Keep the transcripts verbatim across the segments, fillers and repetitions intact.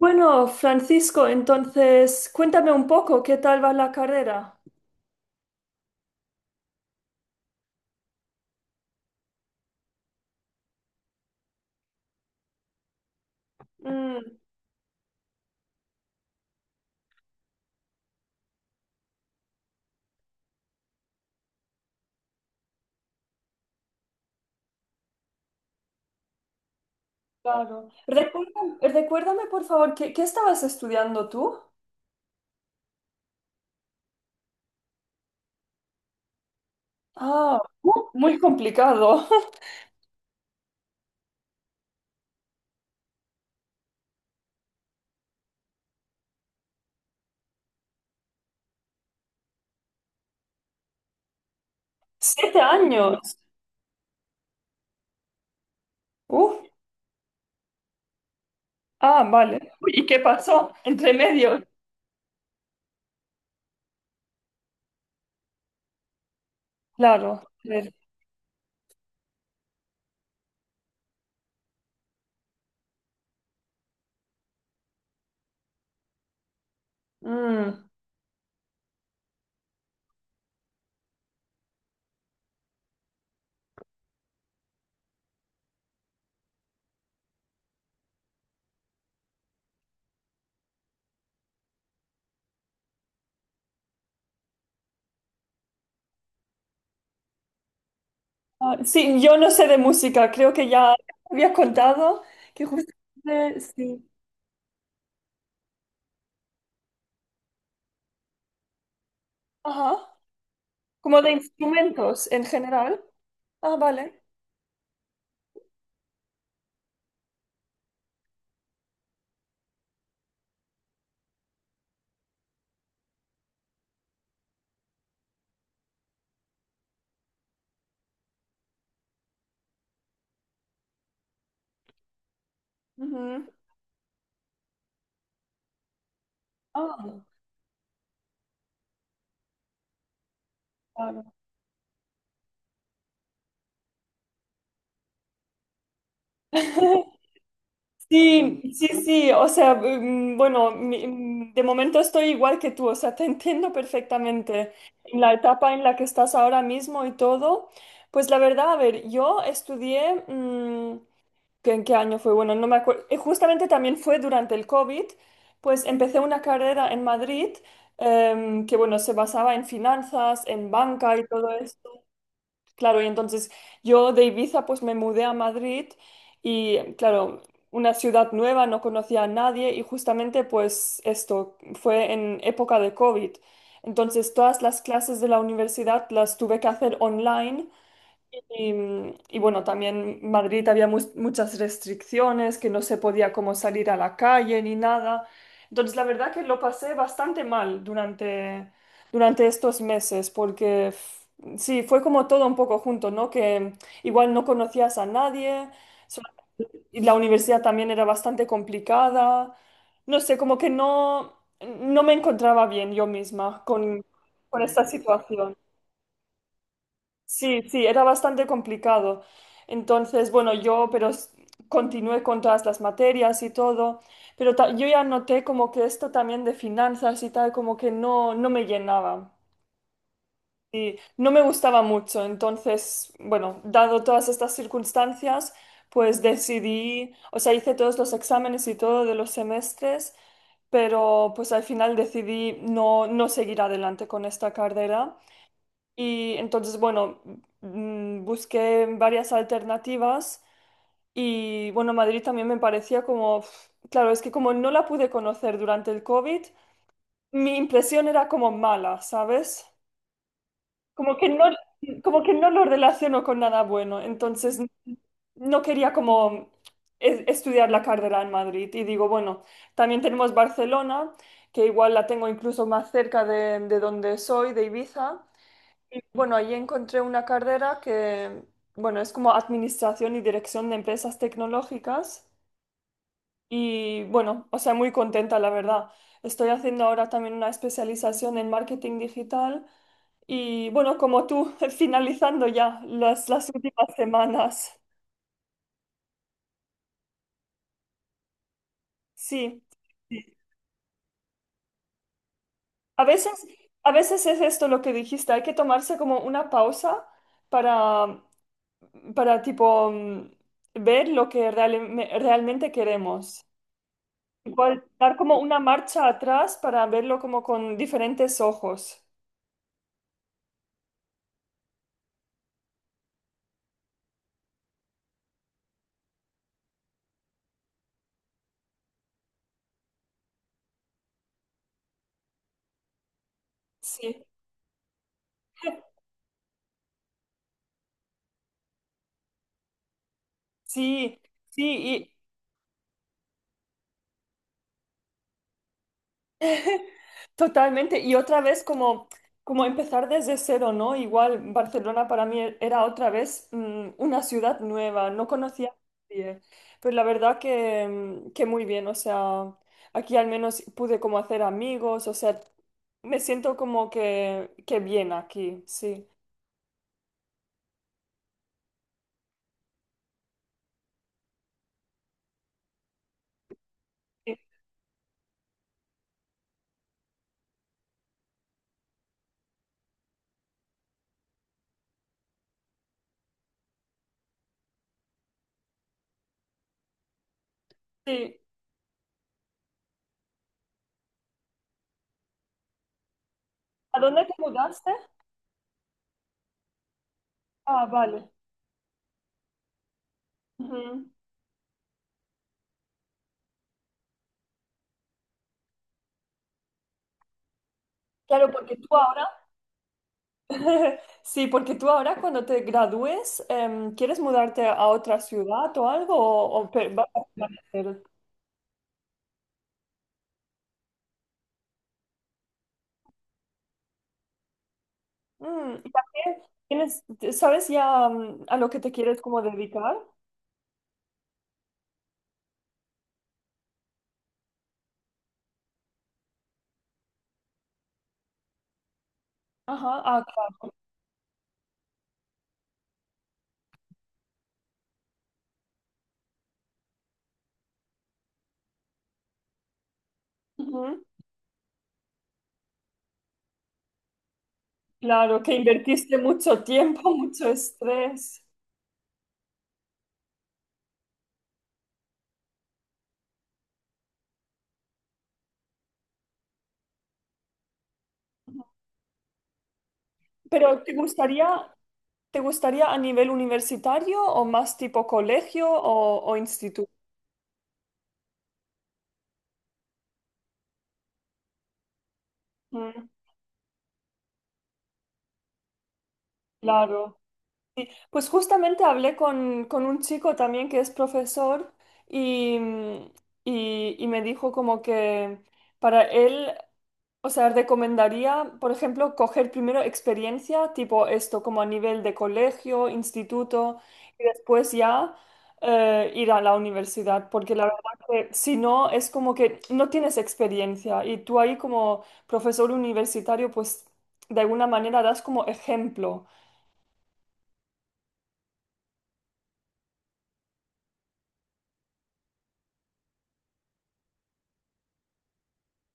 Bueno, Francisco, entonces cuéntame un poco, ¿qué tal va la carrera? Mm, claro. Recuérdame, recuérdame, por favor, ¿qué, qué estabas estudiando tú? Ah, uh, muy complicado. Siete años. Uh, ah, vale. Uy, ¿y qué pasó entre medio? Claro, a ver. Mm. Ah, sí, yo no sé de música, creo que ya había contado que justamente, sí. Ajá. Como de instrumentos en general. Ah, vale. Ujú. Ah, claro. Sí, sí, sí, o sea, mm, bueno, mi- mm, de momento estoy igual que tú, o sea, te entiendo perfectamente en la etapa en la que estás ahora mismo y todo. Pues la verdad, a ver, yo estudié, mm, ¿qué- ¿en qué año fue? Bueno, no me acuerdo, justamente también fue durante el COVID, pues empecé una carrera en Madrid, em, que bueno, se basaba en finanzas, en banca y todo eso. Claro, y entonces yo de Ibiza pues me mudé a Madrid y claro, una ciudad nueva, no conocía a nadie y justamente pues esto fue en época de COVID. Entonces todas las clases de la universidad las tuve que hacer online y, mm, y bueno, también en Madrid había mus- muchas restricciones, que no se podía como salir a la calle ni nada. Entonces, la verdad que lo pasé bastante mal durante, durante estos meses, porque f- sí, fue como todo un poco junto, ¿no? Que igual no conocías a nadie, so- y la universidad también era bastante complicada. No sé, como que no, no me encontraba bien yo misma con, con esta situación. Sí, sí, era bastante complicado. Entonces, bueno, yo, pero s- continué con todas las materias y todo, pero ta- yo ya noté como que esto también de finanzas y tal, como que no, no me llenaba y no me gustaba mucho. Entonces, bueno, dado todas estas circunstancias, pues decidí, o sea, hice todos los exámenes y todo de los semestres, pero pues al final decidí no, no seguir adelante con esta carrera. Y entonces, bueno, mm, busqué varias alternativas y, bueno, Madrid también me parecía como, pf, claro, es que como no la pude conocer durante el COVID, mi impresión era como mala, ¿sabes? Como que no, como que no lo relaciono con nada bueno. Entonces, no quería como es- estudiar la carrera en Madrid. Y digo, bueno, también tenemos Barcelona, que igual la tengo incluso más cerca de, de donde soy, de Ibiza. Y bueno, ahí encontré una carrera que, bueno, es como administración y dirección de empresas tecnológicas. Y bueno, o sea, muy contenta, la verdad. Estoy haciendo ahora también una especialización en marketing digital. Y bueno, como tú, finalizando ya las, las últimas semanas. Sí. A veces, a veces es esto lo que dijiste, hay que tomarse como una pausa para, para tipo, mm, ver lo que realme- realmente queremos. Igual, dar como una marcha atrás para verlo como con diferentes ojos. Sí, sí, sí, y totalmente. Y otra vez como, como empezar desde cero, ¿no? Igual Barcelona para mí era otra vez mm, una ciudad nueva, no conocía a nadie. Pero la verdad que, mm, que muy bien, o sea, aquí al menos pude como hacer amigos, o sea, me siento como que, que bien aquí, sí. Sí, sí. ¿A dónde te mudaste? Ah, vale. Ujú. Claro, porque tú ahora, sí, porque tú ahora cuando te gradúes, em, ¿quieres mudarte a otra ciudad o algo? ¿O, o pe- vas a permanecer? Mm, ¿y también tienes, sabes ya mm, a lo que te quieres como dedicar? Ajá, ah, claro. Ujú. Claro, que invertiste mucho tiempo, mucho estrés. Pero ¿te gustaría, te gustaría a nivel universitario o más tipo colegio o, o instituto? Mm, claro. Sí, pues justamente hablé con, con un chico también que es profesor y, mm, y- y me dijo como que para él, o sea, recomendaría, por ejemplo, coger primero experiencia, tipo esto, como a nivel de colegio, instituto, y después ya eh, ir a la universidad, porque la verdad que si no, es como que no tienes experiencia y tú ahí como profesor universitario, pues de alguna manera das como ejemplo.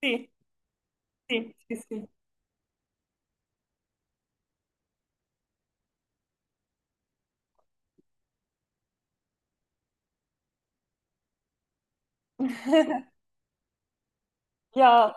Sí, sí, sí, sí. Ya,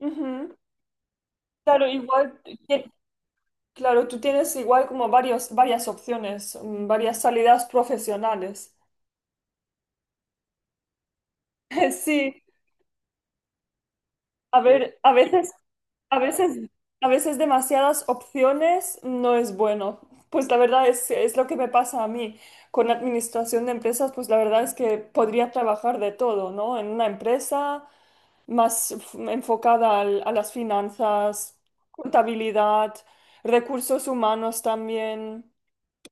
ujú. Claro, igual, que- claro, tú tienes igual como varios, varias opciones, mm, varias salidas profesionales. Sí, a ver, a veces, a veces, a veces demasiadas opciones no es bueno. Pues la verdad es, es lo que me pasa a mí con administración de empresas, pues la verdad es que podría trabajar de todo, ¿no? En una empresa, más f- enfocada al- a las finanzas, contabilidad, recursos humanos también,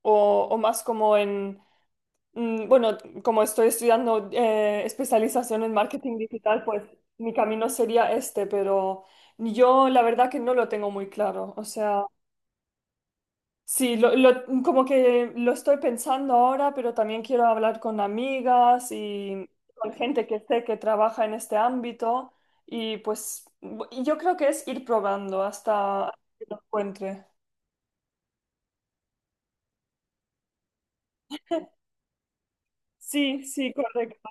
o, o más como en, mm, bueno, como estoy estudiando eh, especialización en marketing digital, pues mi camino sería este, pero yo la verdad que no lo tengo muy claro, o sea... Sí, lo, lo- como que lo estoy pensando ahora, pero también quiero hablar con amigas y con gente que sé que trabaja en este ámbito y pues bu- y yo creo que es ir probando hasta que lo encuentre. Sí, sí, correcto.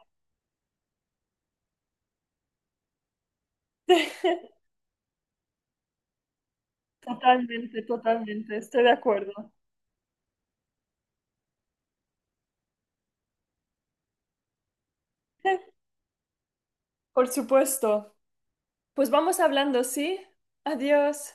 Totalmente, totalmente, estoy de acuerdo. Por supuesto. Pues vamos hablando, ¿sí? Adiós.